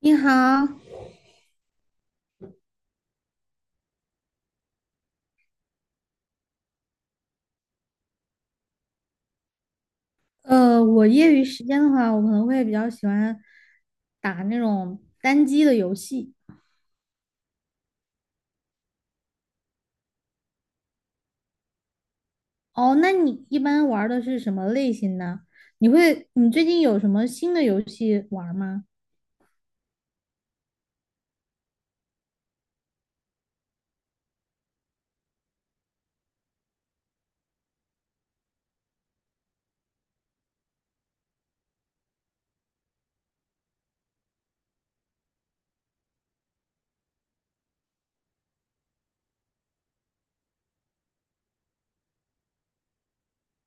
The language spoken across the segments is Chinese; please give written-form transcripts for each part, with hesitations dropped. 你好。我业余时间的话，我可能会比较喜欢打那种单机的游戏。哦，那你一般玩儿的是什么类型呢？你最近有什么新的游戏玩儿吗？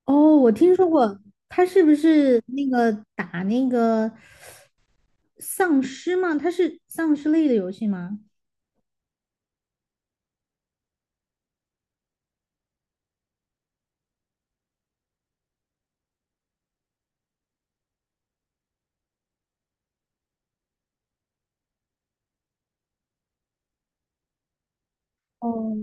哦，我听说过，它是不是那个打那个丧尸吗？它是丧尸类的游戏吗？哦。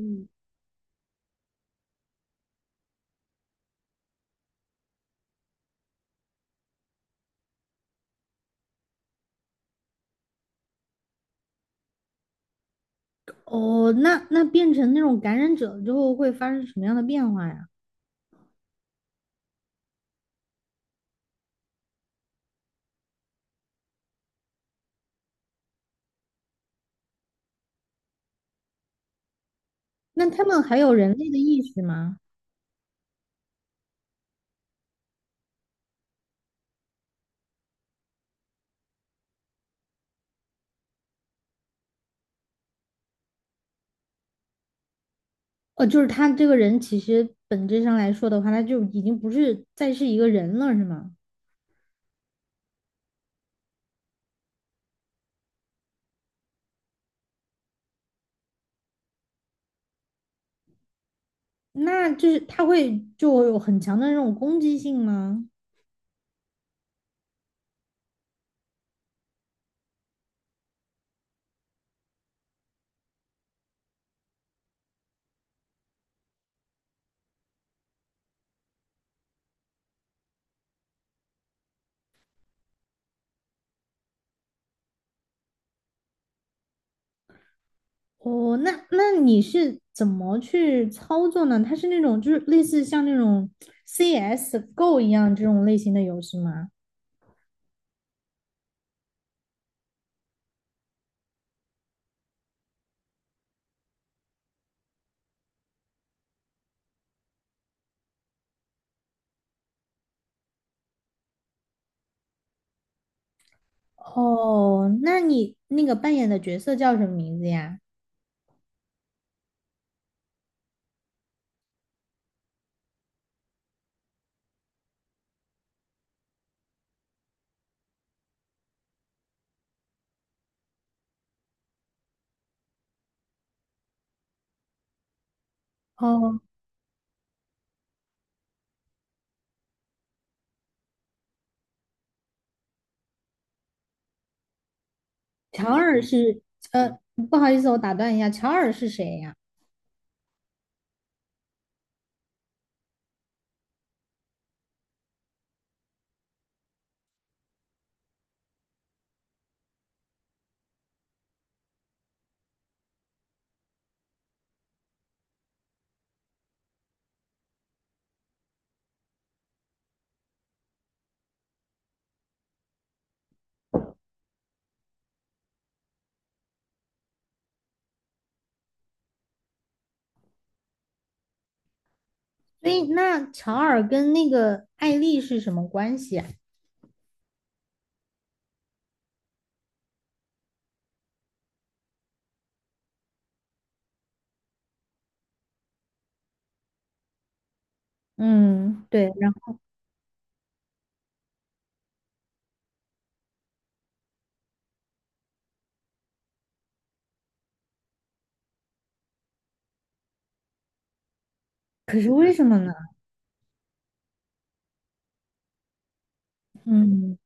哦，那变成那种感染者之后会发生什么样的变化呀？那他们还有人类的意识吗？哦，就是他这个人其实本质上来说的话，他就已经不是再是一个人了，是吗？那就是他会就有很强的那种攻击性吗？哦，那那你是怎么去操作呢？他是那种就是类似像那种 CS:GO 一样这种类型的游戏吗？哦，那你那个扮演的角色叫什么名字呀？哦，乔尔是，呃，不好意思，我打断一下，乔尔是谁呀？所以那乔尔跟那个艾丽是什么关系啊？嗯，对，然后可是为什么呢？嗯。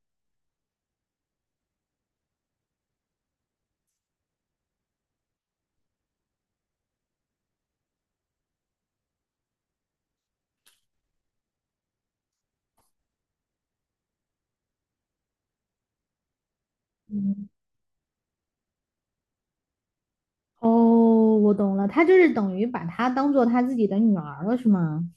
嗯。哦，我懂了，他就是等于把她当做他自己的女儿了，是吗？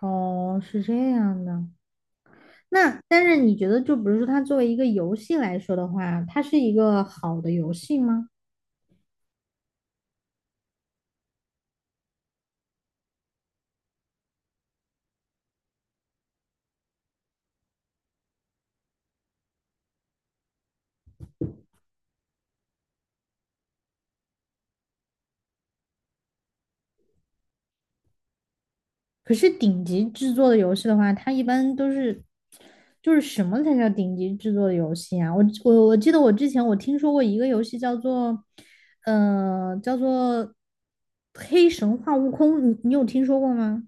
哦，是这样的。那但是你觉得，就比如说它作为一个游戏来说的话，它是一个好的游戏吗？可是顶级制作的游戏的话，它一般都是，就是什么才叫顶级制作的游戏啊？我记得我之前我听说过一个游戏叫做，叫做《黑神话：悟空》，你有听说过吗？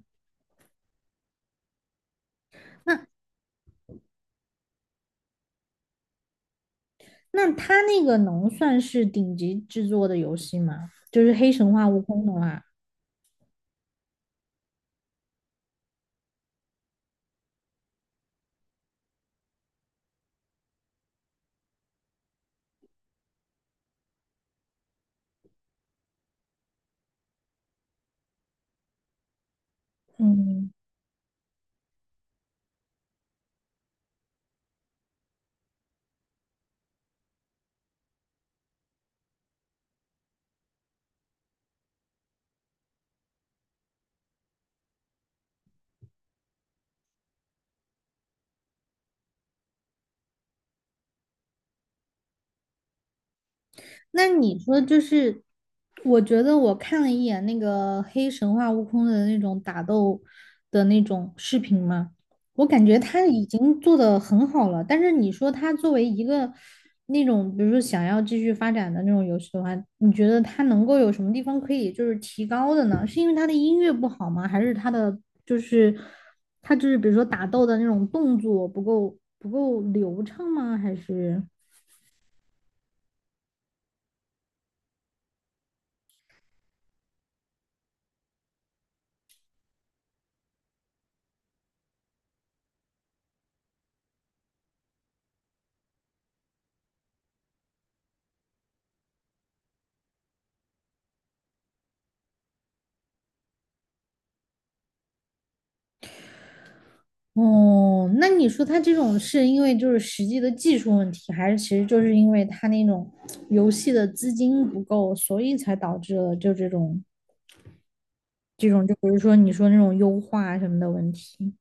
那它那个能算是顶级制作的游戏吗？就是《黑神话：悟空》的话，嗯。那你说就是，我觉得我看了一眼那个黑神话悟空的那种打斗的那种视频嘛，我感觉他已经做得很好了。但是你说他作为一个那种，比如说想要继续发展的那种游戏的话，你觉得他能够有什么地方可以就是提高的呢？是因为他的音乐不好吗？还是他的就是他就是比如说打斗的那种动作不够流畅吗？还是？哦，那你说他这种是因为就是实际的技术问题，还是其实就是因为他那种游戏的资金不够，所以才导致了就这种这种，就比如说你说那种优化什么的问题。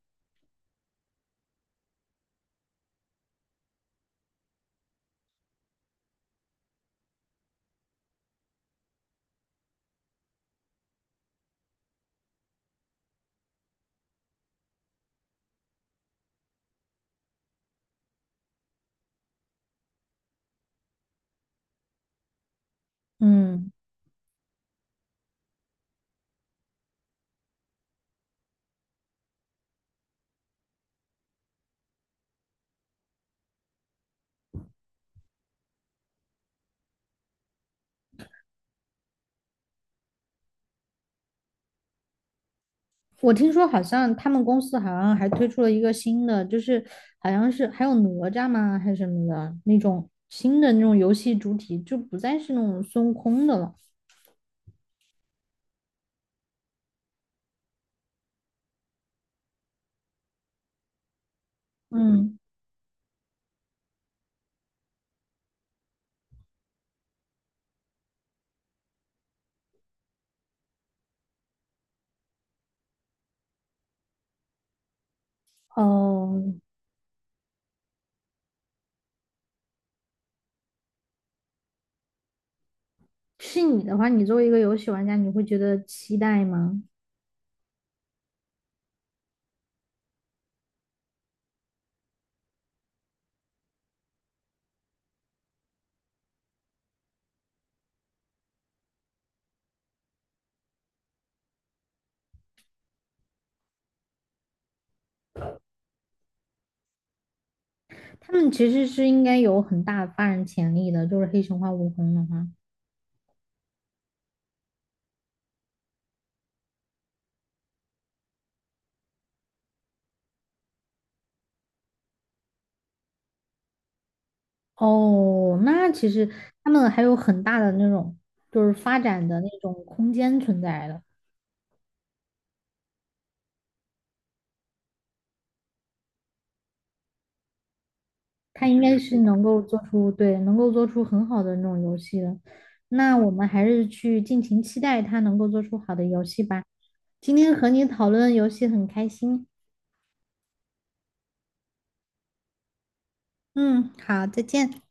嗯，我听说好像他们公司好像还推出了一个新的，就是好像是还有哪吒吗，还是什么的那种新的那种游戏主体，就不再是那种孙悟空的了。嗯。哦，是你的话，你作为一个游戏玩家，你会觉得期待吗？他们其实是应该有很大的发展潜力的，就是黑神话悟空的话。哦，那其实他们还有很大的那种就是发展的那种空间存在的，他应该是能够做出，对，能够做出很好的那种游戏的。那我们还是去尽情期待他能够做出好的游戏吧。今天和你讨论游戏很开心。嗯，好，再见。